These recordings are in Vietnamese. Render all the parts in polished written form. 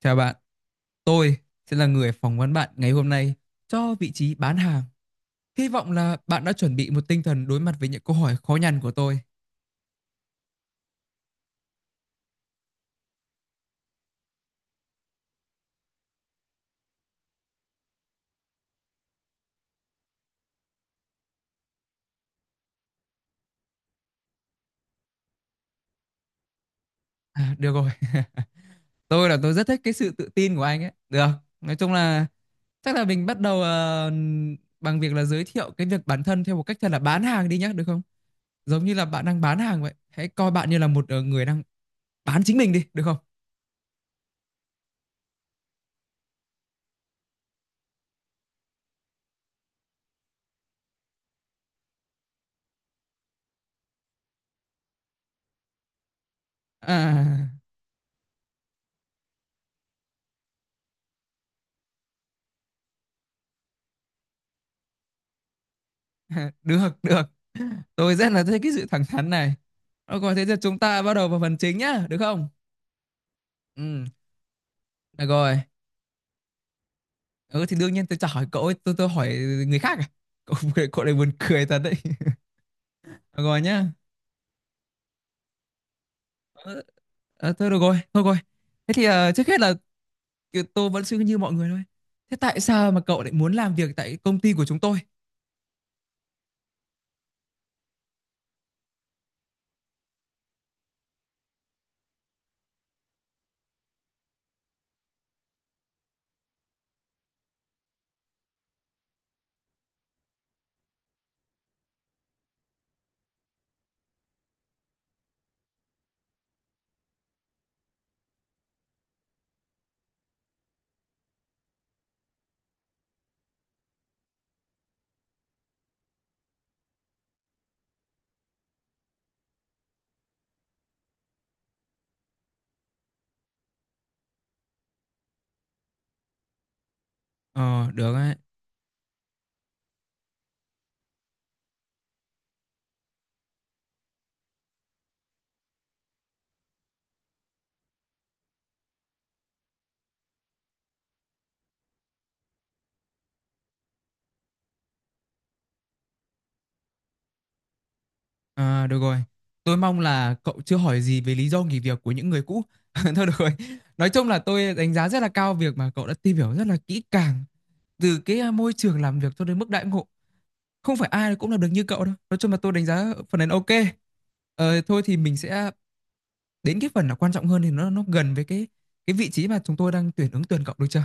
Chào bạn, tôi sẽ là người phỏng vấn bạn ngày hôm nay cho vị trí bán hàng. Hy vọng là bạn đã chuẩn bị một tinh thần đối mặt với những câu hỏi khó nhằn của tôi. À, được rồi, tôi rất thích cái sự tự tin của anh ấy. Được, nói chung là chắc là mình bắt đầu bằng việc là giới thiệu cái việc bản thân theo một cách thật là bán hàng đi nhé, được không? Giống như là bạn đang bán hàng vậy. Hãy coi bạn như là một người đang bán chính mình đi, được không? À, được được tôi rất là thích cái sự thẳng thắn này. Ờ, rồi thế giờ chúng ta bắt đầu vào phần chính nhá, được không? Ừ, được rồi. Ừ thì đương nhiên tôi chả hỏi cậu ấy, tôi hỏi người khác à? cậu cậu này buồn cười thật đấy. Được rồi nhá. ờ, Thôi được rồi, thôi rồi, thế thì trước hết là tôi vẫn suy nghĩ như mọi người thôi, thế tại sao mà cậu lại muốn làm việc tại công ty của chúng tôi? Ờ, được đấy. À, được rồi. Tôi mong là cậu chưa hỏi gì về lý do nghỉ việc của những người cũ. Thôi được rồi. Nói chung là tôi đánh giá rất là cao việc mà cậu đã tìm hiểu rất là kỹ càng từ cái môi trường làm việc cho đến mức đãi ngộ. Không phải ai cũng làm được như cậu đâu. Nói chung là tôi đánh giá phần này là ok. Ờ, thôi thì mình sẽ đến cái phần là quan trọng hơn thì nó gần với cái vị trí mà chúng tôi đang tuyển ứng tuyển cậu, được chưa?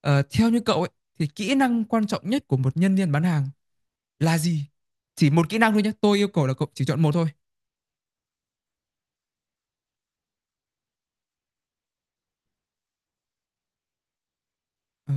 Ờ, theo như cậu ấy thì kỹ năng quan trọng nhất của một nhân viên bán hàng là gì? Chỉ một kỹ năng thôi nhé. Tôi yêu cầu là cậu chỉ chọn một thôi. Ờ.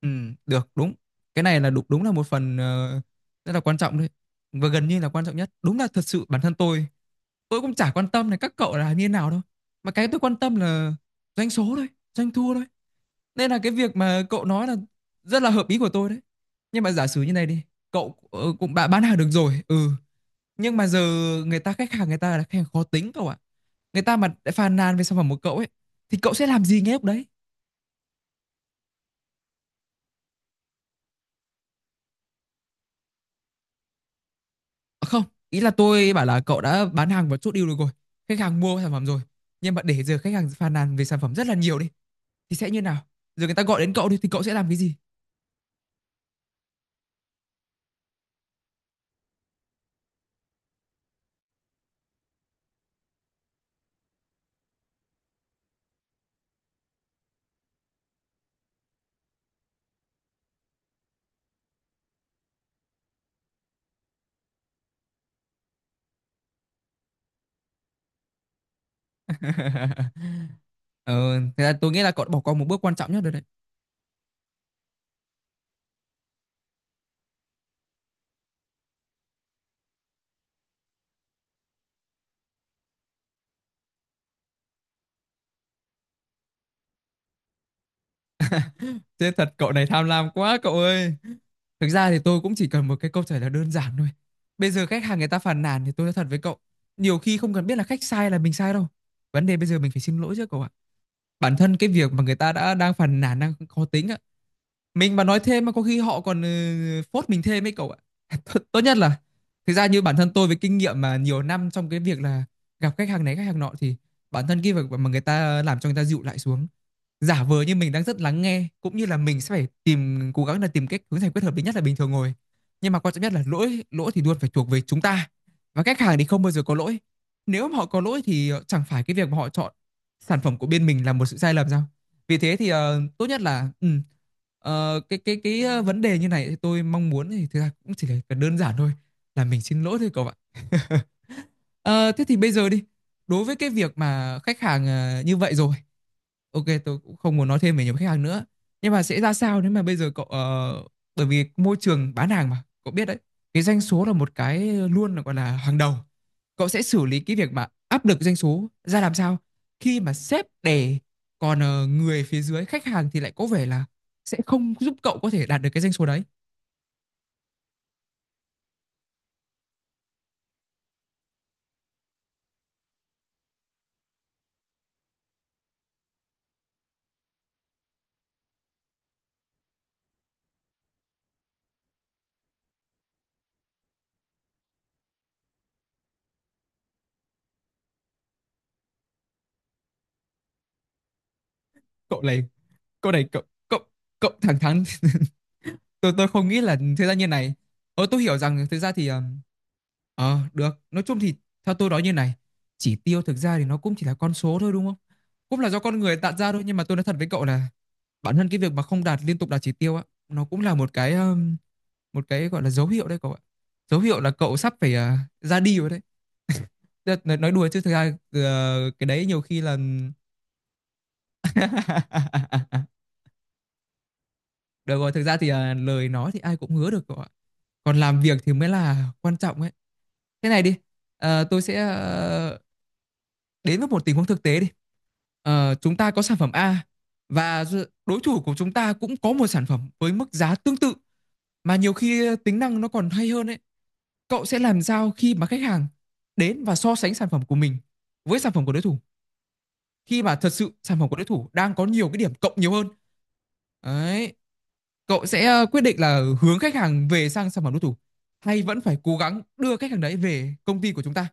Ừ, được, đúng, cái này là đúng, là một phần rất là quan trọng đấy và gần như là quan trọng nhất. Đúng là thật sự bản thân tôi cũng chả quan tâm là các cậu là như thế nào đâu, mà cái tôi quan tâm là doanh số thôi, doanh thu thôi, nên là cái việc mà cậu nói là rất là hợp ý của tôi đấy. Nhưng mà giả sử như này đi, cậu cũng đã bán hàng được rồi, ừ, nhưng mà giờ người ta khách hàng người ta là khách hàng khó tính cậu ạ, người ta mà đã phàn nàn về sản phẩm của cậu ấy thì cậu sẽ làm gì ngay lúc đấy? À, không, ý là tôi bảo là cậu đã bán hàng và chốt deal được rồi, khách hàng mua sản phẩm rồi, nhưng mà để giờ khách hàng phàn nàn về sản phẩm rất là nhiều đi thì sẽ như nào, giờ người ta gọi đến cậu đi thì cậu sẽ làm cái gì? Ờ thế là tôi nghĩ là cậu đã bỏ qua một bước quan trọng nhất rồi đấy. Thế thật, cậu này tham lam quá cậu ơi. Thực ra thì tôi cũng chỉ cần một cái câu trả lời đơn giản thôi. Bây giờ khách hàng người ta phàn nàn thì tôi nói thật với cậu, nhiều khi không cần biết là khách sai là mình sai đâu, vấn đề bây giờ mình phải xin lỗi chứ cậu ạ. Bản thân cái việc mà người ta đã đang phàn nàn đang khó tính á, mình mà nói thêm mà có khi họ còn ừ, phốt mình thêm ấy cậu ạ. Tốt tốt nhất là, thực ra như bản thân tôi với kinh nghiệm mà nhiều năm trong cái việc là gặp khách hàng này khách hàng nọ thì bản thân cái việc mà người ta làm cho người ta dịu lại xuống, giả vờ như mình đang rất lắng nghe cũng như là mình sẽ phải tìm cố gắng là tìm cách hướng giải quyết hợp lý nhất là bình thường rồi, nhưng mà quan trọng nhất là lỗi lỗi thì luôn phải thuộc về chúng ta và khách hàng thì không bao giờ có lỗi. Nếu mà họ có lỗi thì chẳng phải cái việc mà họ chọn sản phẩm của bên mình là một sự sai lầm sao? Vì thế thì tốt nhất là ừ, cái vấn đề như này thì tôi mong muốn thì thực ra cũng chỉ là đơn giản thôi, là mình xin lỗi thôi cậu ạ. Ờ, thế thì bây giờ đi. Đối với cái việc mà khách hàng như vậy rồi, ok, tôi cũng không muốn nói thêm về nhiều khách hàng nữa. Nhưng mà sẽ ra sao nếu mà bây giờ cậu ờ, bởi vì môi trường bán hàng mà, cậu biết đấy, cái doanh số là một cái luôn là gọi là hàng đầu. Cậu sẽ xử lý cái việc mà áp lực doanh số ra làm sao khi mà sếp đè, còn người phía dưới khách hàng thì lại có vẻ là sẽ không giúp cậu có thể đạt được cái doanh số đấy. Cậu này, cậu này cậu cậu cậu thẳng thắn. Tôi không nghĩ là thế ra như này. Ờ tôi hiểu rằng thực ra thì ờ được, nói chung thì theo tôi nói như này, chỉ tiêu thực ra thì nó cũng chỉ là con số thôi đúng không, cũng là do con người tạo ra thôi, nhưng mà tôi nói thật với cậu là bản thân cái việc mà không đạt liên tục đạt chỉ tiêu á nó cũng là một cái gọi là dấu hiệu đấy cậu ạ, dấu hiệu là cậu sắp phải ra đi rồi đấy. Tức là nói đùa chứ thực ra cái đấy nhiều khi là, được rồi, thực ra thì lời nói thì ai cũng hứa được cậu ạ, còn làm việc thì mới là quan trọng ấy. Thế này đi, tôi sẽ đến với một tình huống thực tế đi. Ờ, chúng ta có sản phẩm A và đối thủ của chúng ta cũng có một sản phẩm với mức giá tương tự mà nhiều khi tính năng nó còn hay hơn ấy. Cậu sẽ làm sao khi mà khách hàng đến và so sánh sản phẩm của mình với sản phẩm của đối thủ, khi mà thật sự sản phẩm của đối thủ đang có nhiều cái điểm cộng nhiều hơn? Đấy, cậu sẽ quyết định là hướng khách hàng về sang sản phẩm đối thủ hay vẫn phải cố gắng đưa khách hàng đấy về công ty của chúng ta?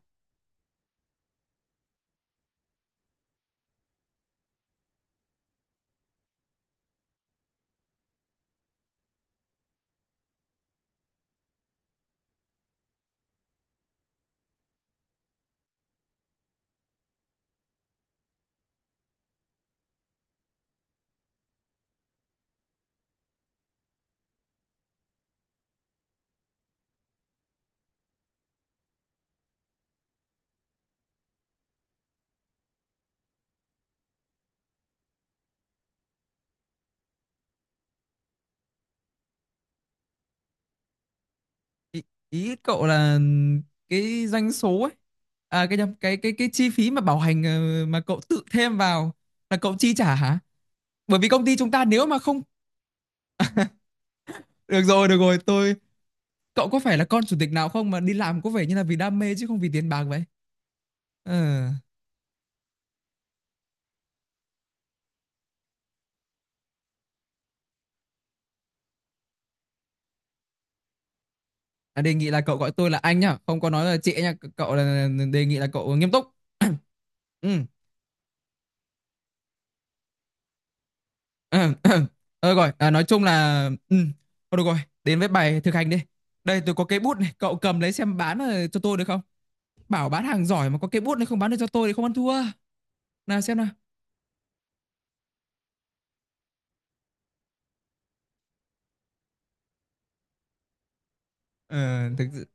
ý, Ý cậu là cái doanh số ấy, à cái nhầm, cái chi phí mà bảo hành mà cậu tự thêm vào là cậu chi trả hả? Bởi vì công ty chúng ta nếu mà không, được rồi, tôi, cậu có phải là con chủ tịch nào không mà đi làm có vẻ như là vì đam mê chứ không vì tiền bạc vậy? Ờ. À, đề nghị là cậu gọi tôi là anh nhá, không có nói là chị nhá. Cậu là đề nghị là cậu nghiêm túc. Ừ. Ờ rồi, à, nói chung là ừ. Thôi được rồi, đến với bài thực hành đi. Đây tôi có cây bút này, cậu cầm lấy xem bán cho tôi được không? Bảo bán hàng giỏi mà có cây bút này không bán được cho tôi thì không ăn thua. Nào xem nào. Ờ thực sự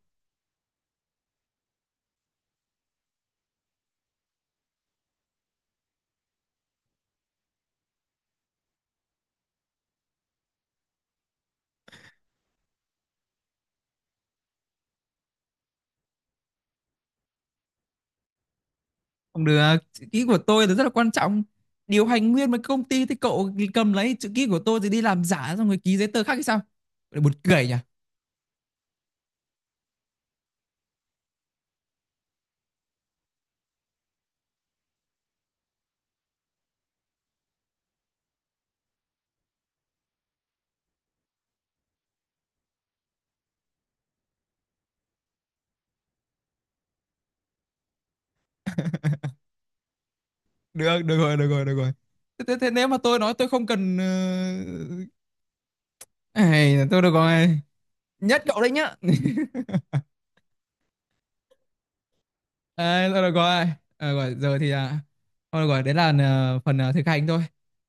không được, chữ ký của tôi là rất là quan trọng. Điều hành nguyên một công ty thì cậu cầm lấy chữ ký của tôi thì đi làm giả xong rồi ký giấy tờ khác hay sao? Buồn cười nhỉ. Được, được rồi, thế, thế, thế nếu mà tôi nói tôi không cần ai là tôi được rồi, nhất cậu đấy nhá. À, tôi được rồi, à, rồi giờ thì à, thôi được rồi đấy là phần thực hành thôi.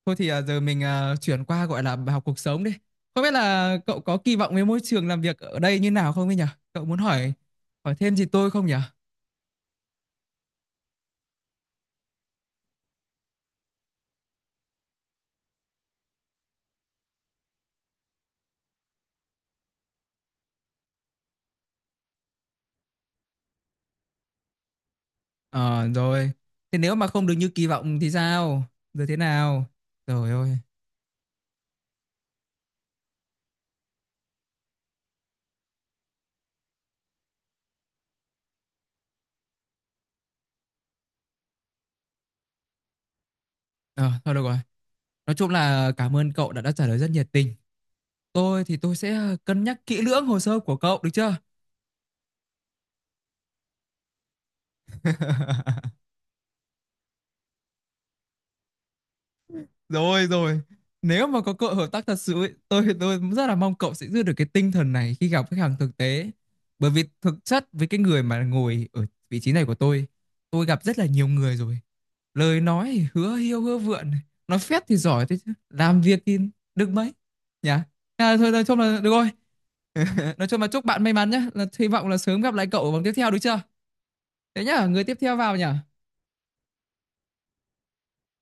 Thôi thì giờ mình chuyển qua gọi là bài học cuộc sống đi. Không biết là cậu có kỳ vọng với môi trường làm việc ở đây như nào không ấy nhỉ? Cậu muốn hỏi, thêm gì tôi không nhỉ? Ờ rồi, thế nếu mà không được như kỳ vọng thì sao, rồi thế nào, rồi ôi. Ờ thôi được rồi. Nói chung là cảm ơn cậu đã trả lời rất nhiệt tình. Tôi thì tôi sẽ cân nhắc kỹ lưỡng hồ sơ của cậu, được chưa? Rồi rồi. Nếu mà có cơ hội hợp tác thật sự ấy, tôi rất là mong cậu sẽ giữ được cái tinh thần này khi gặp khách hàng thực tế. Bởi vì thực chất với cái người mà ngồi ở vị trí này của tôi gặp rất là nhiều người rồi. Lời nói thì hứa hiêu hứa vượn, nói phét thì giỏi thế chứ, làm việc thì được mấy. Nhá. À, thôi nói chung là được rồi. Nói chung là chúc bạn may mắn nhé. Là hy vọng là sớm gặp lại cậu ở vòng tiếp theo, được chưa? Thế nhá, người tiếp theo vào nhỉ?